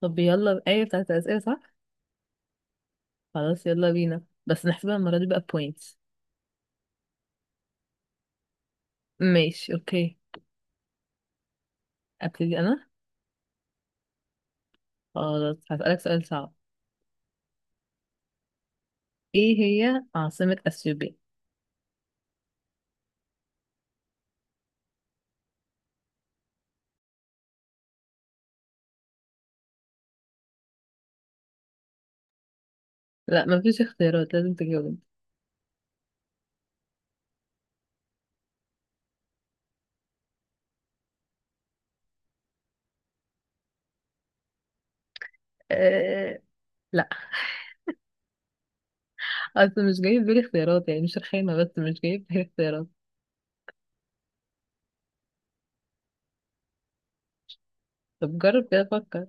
طب، يلا، ايه بتاعت الأسئلة؟ صح. خلاص، يلا بينا، بس نحسبها المرة دي بقى بوينتس. ماشي، اوكي. ابتدي انا. خلاص هسألك سؤال صعب. ايه هي عاصمة اثيوبيا؟ لا مفيش اختيارات، لازم تجاوب انت. أه... لا. اصل مش جاي في بالي اختيارات، يعني مش رخامة بس مش جاي في بالي اختيارات. طب جرب كده، فكر.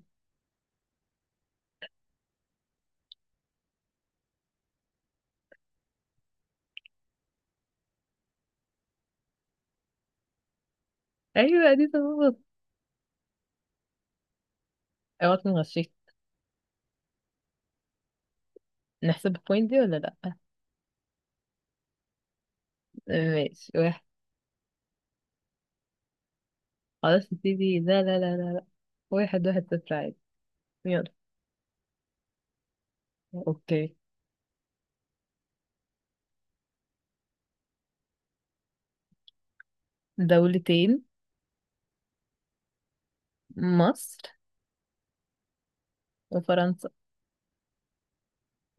ايوه دي تظبط. اوعى تكون غشيت. نحسب البوينت دي ولا لا؟ آه، ماشي، واحد. خلاص نبتدي. لا لا لا لا لا. واحد واحد صفر، عادي. يلا. اوكي. دولتين. مصر. وفرنسا.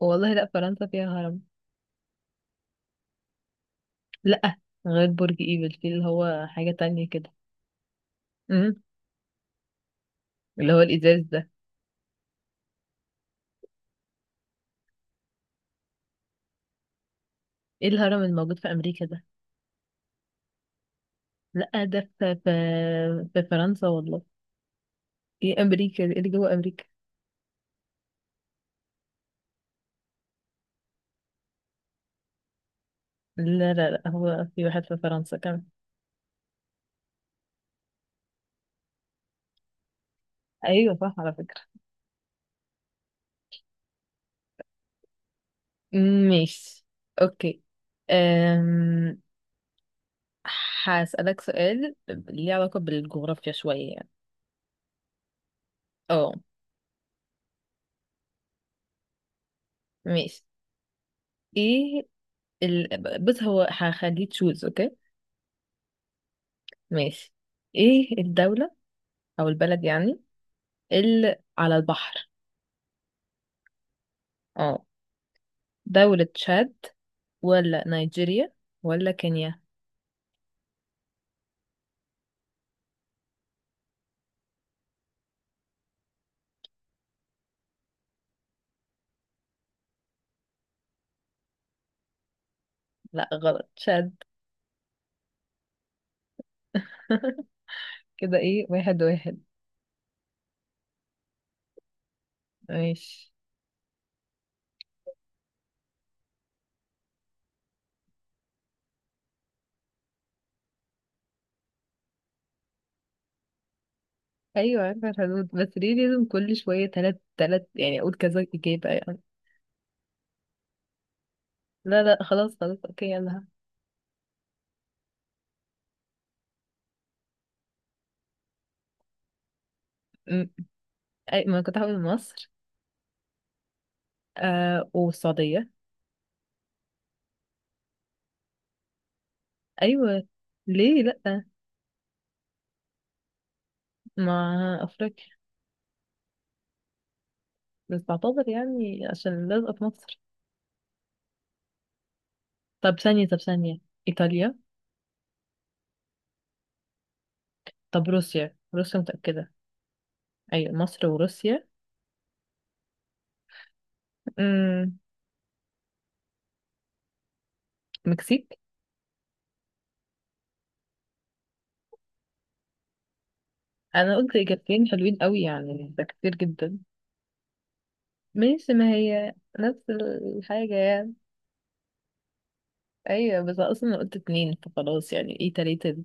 والله لا، فرنسا فيها هرم. لا. غير برج ايفل في اللي هو حاجة تانية كده. امم اللي هو الإزاز ده. ايه الهرم الموجود في أمريكا ده؟ لا، ده في، في فرنسا والله. ايه أمريكا دي؟ ايه اللي جوه أمريكا؟ لا لا لا، هو في واحد في فرنسا كمان. أيوة صح على فكرة. ماشي. أوكي. أم... هسألك سؤال ليه علاقة بالجغرافيا شوية يعني. اه. ماشي. ايه ال... بص، هو هخليه تشوز. اوكي. ماشي. ايه الدولة او البلد يعني، اللي على البحر؟ اه. دولة تشاد. ولا نيجيريا. ولا كينيا. لا غلط، تشاد. كده ايه؟ واحد واحد. ماشي. ايوه عارفة الحدود، بس ليه لازم كل شوية تلات تلات يعني اقول كذا اجابة يعني؟ لا لا، خلاص خلاص، اوكي، يلا. م- أي ما كنت هقول مصر. والسعودية. ايوه. ليه لا؟ ما افريقيا. بس بعتذر يعني عشان لازقة في مصر. طب ثانية، طب ثانية. إيطاليا. طب روسيا، روسيا متأكدة. أيوة مصر وروسيا. امم مكسيك. أنا قلت إجابتين حلوين قوي يعني، ده كتير جدا. ماشي، ما هي نفس الحاجة يعني. أيوة بس أصلا أنا قلت اتنين فخلاص، يعني إيه تلاتة دي؟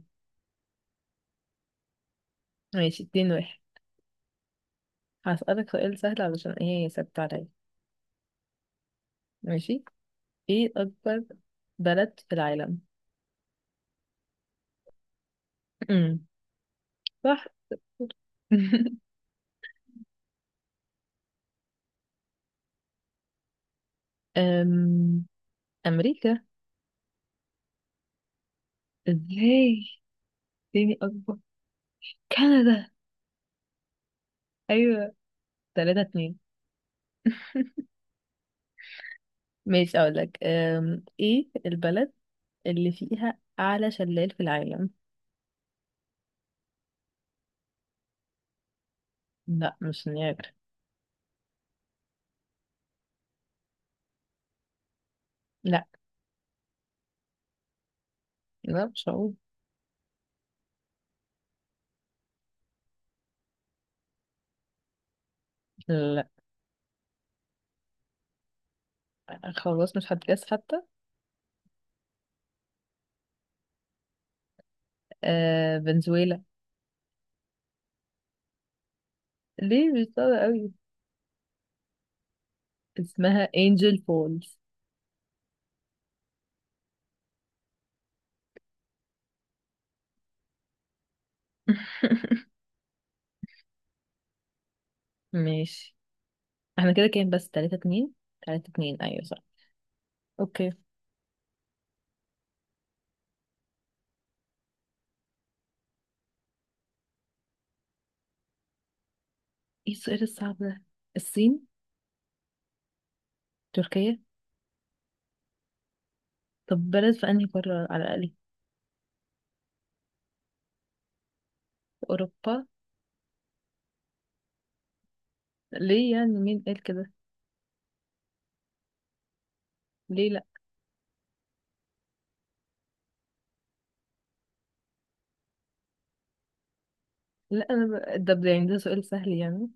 ماشي، اتنين واحد. هسألك سؤال سهل علشان إيه ثابت عليا. ماشي. إيه أكبر بلد في العالم؟ امم صح. أم، أمريكا. ازاي؟ اديني اكبر. كندا. ايوه. تلاتة اتنين. ماشي، اقول لك، ايه البلد اللي فيها اعلى شلال في العالم؟ لا مش نياجرا. لا. لا مش هقول. لا خلاص، مش هتجاز حتى. فنزويلا. ليه، مش صعبة قوي. اسمها انجل فولز. ماشي. احنا كده كام؟ بس تلاتة اتنين. تلاتة اتنين، ايوه صح. اوكي. ايه السؤال الصعب ده؟ الصين. تركيا. طب بلد في انهي قارة على الاقل؟ في اوروبا. ليه يعني، مين قال كده؟ ليه لا؟ لا انا ده، يعني ده سؤال سهل يعني.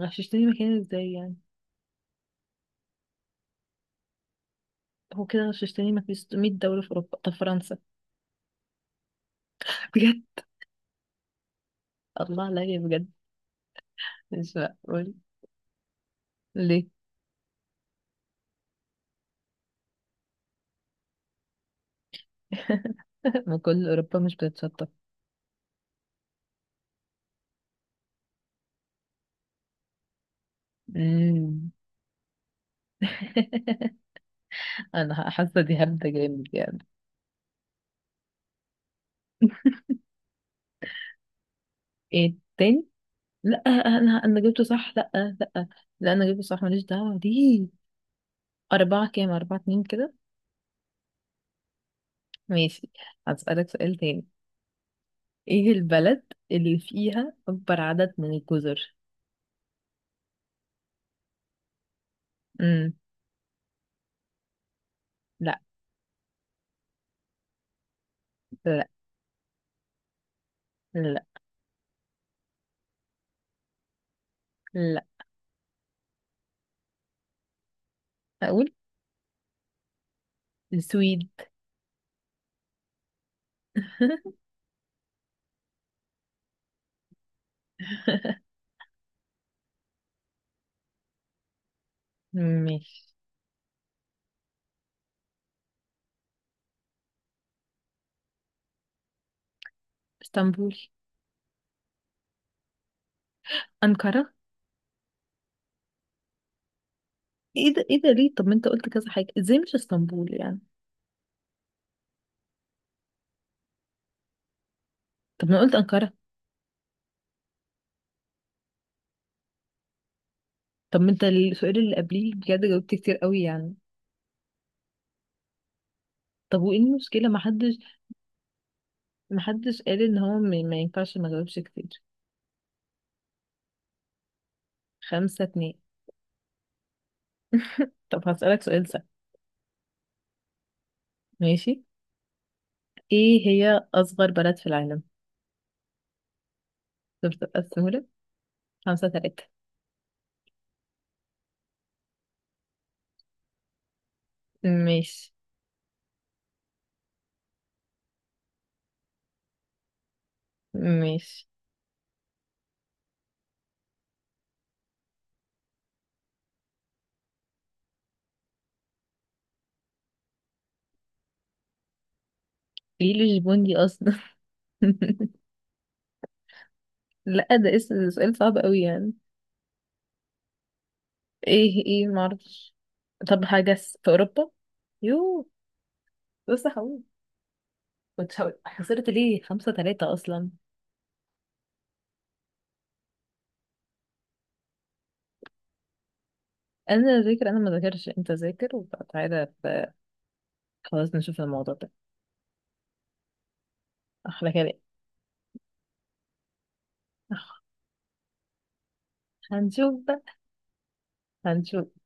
غششتني مكان ازاي يعني؟ هو كده غششتني، ما في 600 دولة في اوروبا. طب فرنسا. بجد. الله عليا بجد. مش معقول. ليه؟ ما كل اوروبا مش بتتشطب. مم. انا حاسه دي هبده جامد يعني. ايه تاني؟ لا انا جبته صح. لا لا. لا انا جبته صح، ماليش دعوه دي. اربعه كام؟ اربعه اتنين كده. ماشي. هسألك سؤال تاني. ايه البلد اللي فيها اكبر عدد من الجزر؟ امم لا. لا لا لا. اقول السويد. ماشي. اسطنبول. انقرة. ايه ده، ايه ده، ليه؟ طب ما انت قلت كذا حاجة، ازاي مش اسطنبول يعني؟ طب ما أنا قلت انقرة. طب ما انت السؤال اللي قبليه بجد جاوبت كتير قوي يعني. طب وايه المشكلة، ما حدش، ما حدش قال ان هو ما ينفعش ما جاوبش كتير. خمسة اتنين. طب هسألك سؤال سهل. ماشي. ايه هي اصغر بلد في العالم؟ شفت بقى السهولة. خمسة تلاتة. ماشي. ماشي. ايه الجبون دي اصلا؟ لا، ده اسم، سؤال صعب قوي يعني. ايه معرفش. طب حاجة في اوروبا. يو. بص هقول، كنت هقول خسرت ليه؟ خمسة تلاتة اصلا. انا ذاكر، انا ما ذاكرش، انت ذاكر وتعالى. خلاص نشوف الموضوع ده. احلى كلام. أح- هنشوف بقى. هنشوف.